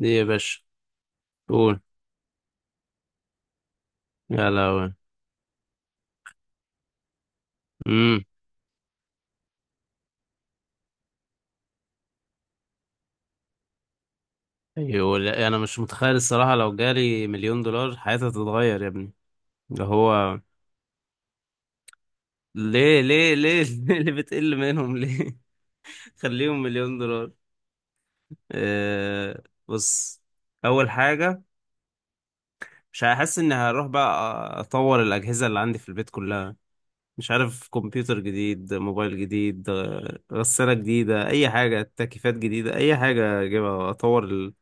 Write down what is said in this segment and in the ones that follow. دي يا باشا. قول. يا لهوي. امم يقول انا مش متخيل الصراحه، لو جالي مليون دولار حياتي هتتغير يا ابني. اللي هو ليه ليه ليه ليه؟ اللي بتقل منهم ليه؟ خليهم مليون دولار. أه بص. اول حاجه مش هحس اني هروح بقى. اطور الاجهزه اللي عندي في البيت كلها. مش عارف، كمبيوتر جديد، موبايل جديد، غساله جديده، اي حاجه، تكييفات جديده، اي حاجه اجيبها اطور.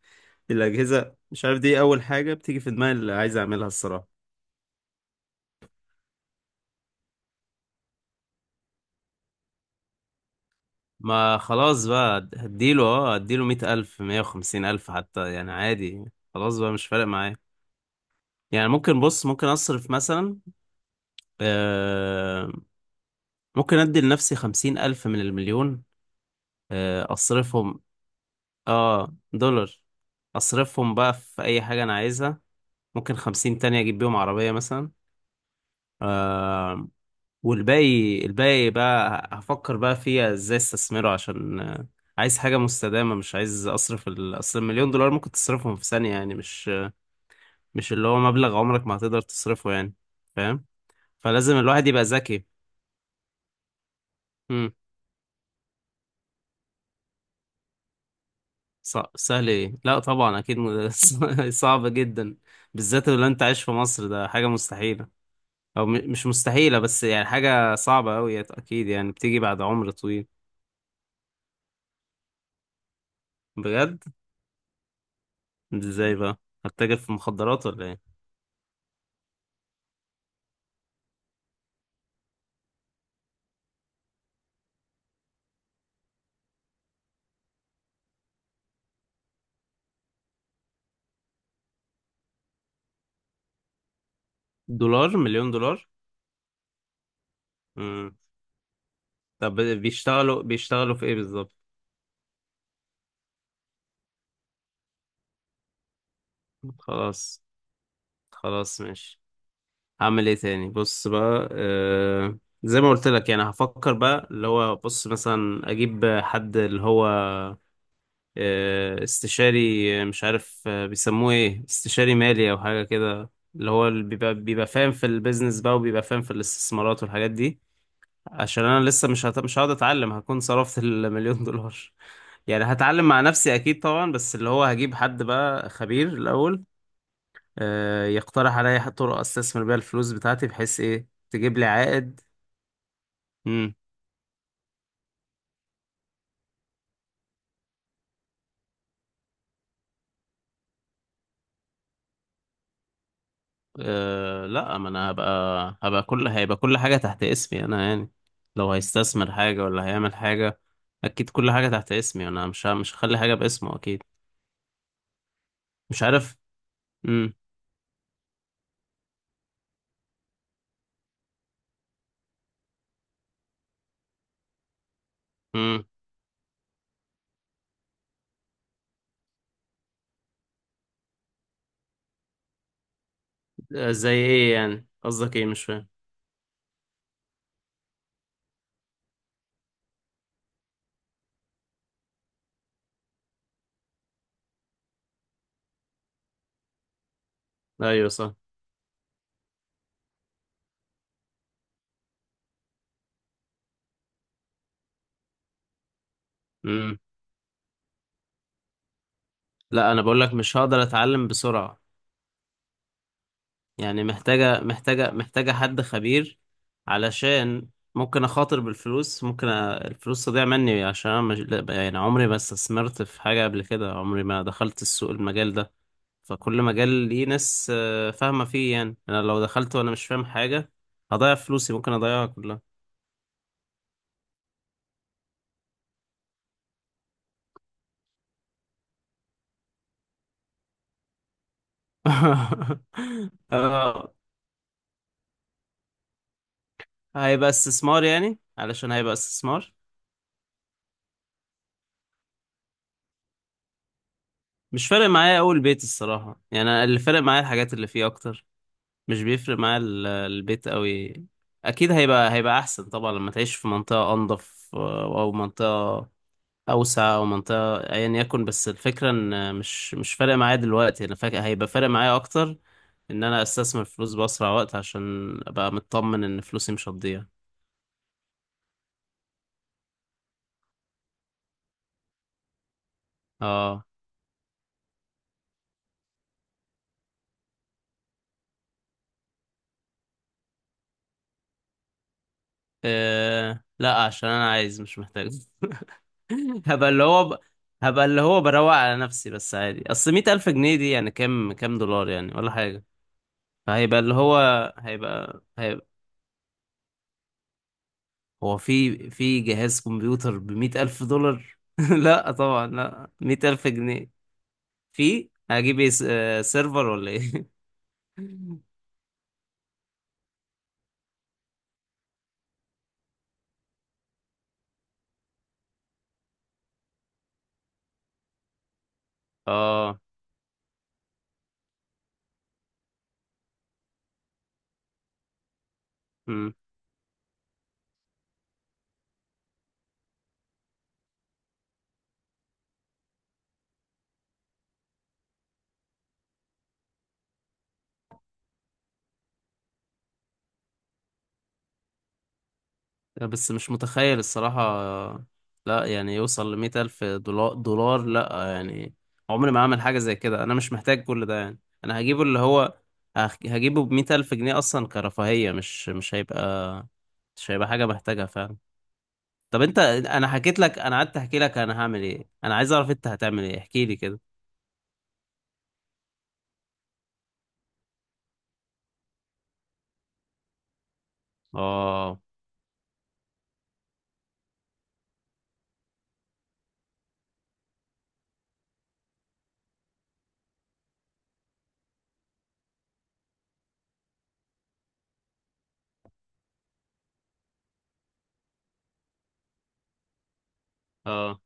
الأجهزة مش عارف، دي أول حاجة بتيجي في دماغي اللي عايز أعملها الصراحة. ما خلاص بقى هديله، اه هديله مية ألف، مية وخمسين ألف حتى يعني عادي. خلاص بقى مش فارق معايا. يعني ممكن، بص، ممكن أصرف مثلا. آه. ممكن أدي لنفسي خمسين ألف من المليون. آه أصرفهم. اه دولار. أصرفهم بقى في أي حاجة أنا عايزها. ممكن خمسين تانية أجيب بيهم عربية مثلا. آه، والباقي، الباقي بقى هفكر بقى فيها ازاي استثمره، عشان عايز حاجة مستدامة. مش عايز اصرف اصل المليون دولار ممكن تصرفهم في ثانية يعني، مش اللي هو مبلغ عمرك ما هتقدر تصرفه يعني، فاهم. فلازم الواحد يبقى ذكي. امم سهل ايه، لا طبعا اكيد صعب جدا، بالذات لو انت عايش في مصر ده حاجة مستحيلة. او مش مستحيلة بس يعني حاجة صعبة قوي اكيد، يعني بتيجي بعد عمر طويل. بجد. ازاي بقى؟ هتتاجر في مخدرات ولا ايه؟ دولار، مليون دولار. امم طب بيشتغلوا في ايه بالظبط؟ خلاص. خلاص ماشي. هعمل ايه تاني؟ بص بقى زي ما قلت لك. يعني هفكر بقى، اللي هو بص، مثلا اجيب حد اللي هو استشاري، مش عارف، بيسموه ايه، استشاري مالي او حاجة كده. اللي هو اللي بيبقى فاهم في البيزنس بقى، وبيبقى فاهم في الاستثمارات والحاجات دي. عشان انا لسه مش مش هقعد اتعلم، هكون صرفت المليون دولار. يعني هتعلم مع نفسي اكيد طبعا، بس اللي هو هجيب حد بقى خبير الاول. يقترح عليا طرق استثمر بيها الفلوس بتاعتي، بحيث ايه تجيب لي عائد. امم أه لا، ما انا هبقى هبقى كل هيبقى كل حاجة تحت اسمي انا يعني. لو هيستثمر حاجة، ولا هيعمل حاجة، اكيد كل حاجة تحت اسمي انا، مش مش هخلي حاجة باسمه اكيد. مش عارف. امم امم زي ايه يعني؟ قصدك ايه؟ مش فاهم. ايوه صح. امم لا انا بقول لك مش هقدر اتعلم بسرعة، يعني محتاجة، محتاجة حد خبير، علشان ممكن أخاطر بالفلوس، ممكن الفلوس تضيع مني. عشان أنا مش... لا، يعني عمري ما استثمرت في حاجة قبل كده، عمري ما دخلت السوق، المجال ده. فكل مجال ليه ناس فاهمة فيه. يعني أنا لو دخلت وأنا مش فاهم حاجة، هضيع فلوسي، ممكن أضيعها كلها. آه، هيبقى استثمار يعني، علشان هيبقى استثمار. مش فارق معايا أول بيت الصراحة، يعني أنا اللي فارق معايا الحاجات اللي فيه أكتر، مش بيفرق معاه البيت قوي. اكيد هيبقى احسن طبعا، لما تعيش في منطقة انضف، او منطقة اوسع، او منطقة ايا يكن. بس الفكرة ان مش فارق معايا دلوقتي، انا فاكر هيبقى فارق معايا اكتر ان انا استثمر فلوس باسرع وقت، عشان ابقى مطمن ان فلوسي مش هتضيع. اه لا عشان انا عايز مش محتاج. هبقى اللي هو ب... هبقى اللي هو بروق على نفسي بس، عادي، اصل مية ألف جنيه دي يعني كام، كام دولار يعني، ولا حاجة. فهيبقى اللي هو، هيبقى هو في، في جهاز كمبيوتر بمئة ألف دولار؟ لا طبعا لا، مئة ألف جنيه. في هجيب ايه سيرفر ولا ايه؟ اه. مم. بس مش متخيل الصراحة، لا يعني يوصل لمئة ألف دولار، دولار، لا يعني. عمري ما أعمل حاجة زي كده، أنا مش محتاج كل ده يعني. أنا هجيبه اللي هو هجيبه بمئة ألف جنيه أصلا كرفاهية، مش هيبقى مش هيبقى حاجة بحتاجها فعلا. طب انت، انا حكيت لك، انا قعدت احكي لك انا هعمل ايه. انا عايز اعرف انت هتعمل ايه، احكي لي كده. اه. اه.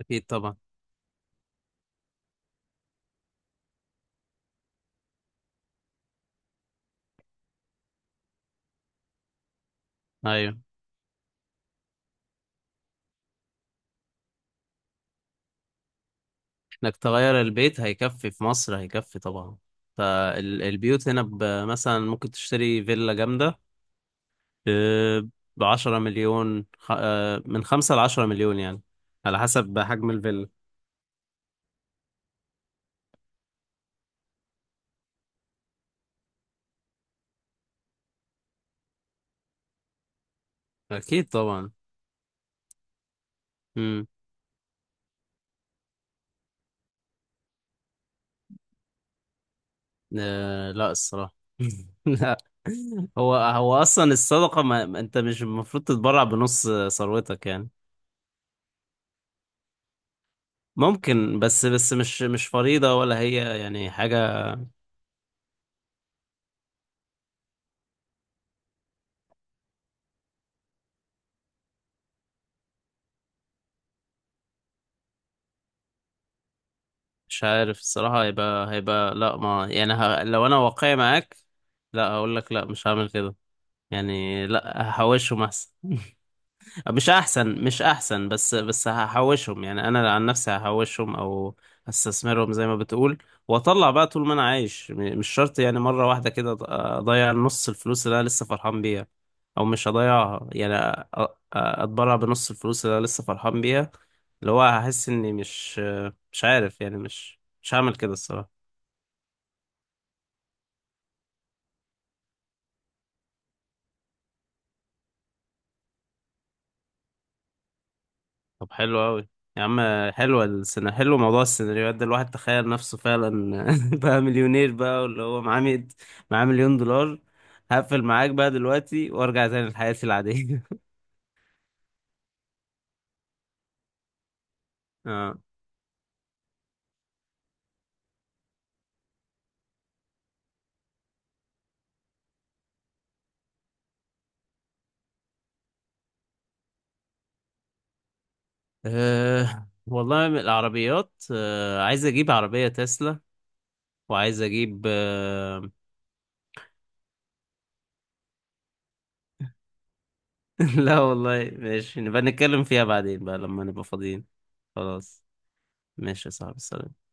اكيد طبعا. ايوه. انك تغير البيت، هيكفي في مصر، هيكفي طبعا. فالبيوت هنا مثلا ممكن تشتري فيلا جامدة ب 10 مليون، من 5 ل 10 مليون يعني، على حسب حجم الفيلا. اكيد طبعا. مم. آه لا الصراحة، لا. هو، هو أصلا الصدقة أنت مش المفروض تتبرع بنص ثروتك يعني. ممكن، بس مش فريضة ولا هي يعني حاجة. مش عارف الصراحة. هيبقى لا، ما يعني لو أنا واقعي معاك، لا هقول لك لا، مش هعمل كده يعني. لا هحوشهم أحسن. مش احسن، بس هحوشهم يعني. انا عن نفسي هحوشهم، او هستثمرهم زي ما بتقول، واطلع بقى طول ما انا عايش. مش شرط يعني مره واحده كده اضيع نص الفلوس اللي انا لسه فرحان بيها. او مش هضيعها يعني، اتبرع بنص الفلوس اللي انا لسه فرحان بيها. اللي هو هحس اني مش، مش عارف يعني. مش هعمل كده الصراحه. طب حلو قوي يا عم. حلوه السنة، حلو موضوع السيناريوهات ده، الواحد تخيل نفسه فعلا بقى مليونير بقى، واللي هو معاه مية، معاه مليون دولار. هقفل معاك بقى دلوقتي، وارجع تاني لحياتي العادية. اه. أه والله، من العربيات أه عايز اجيب عربية تسلا، وعايز اجيب أه. لا والله ماشي، نبقى نتكلم فيها بعدين بقى لما نبقى فاضيين. خلاص. ماشي يا صاحبي، سلام.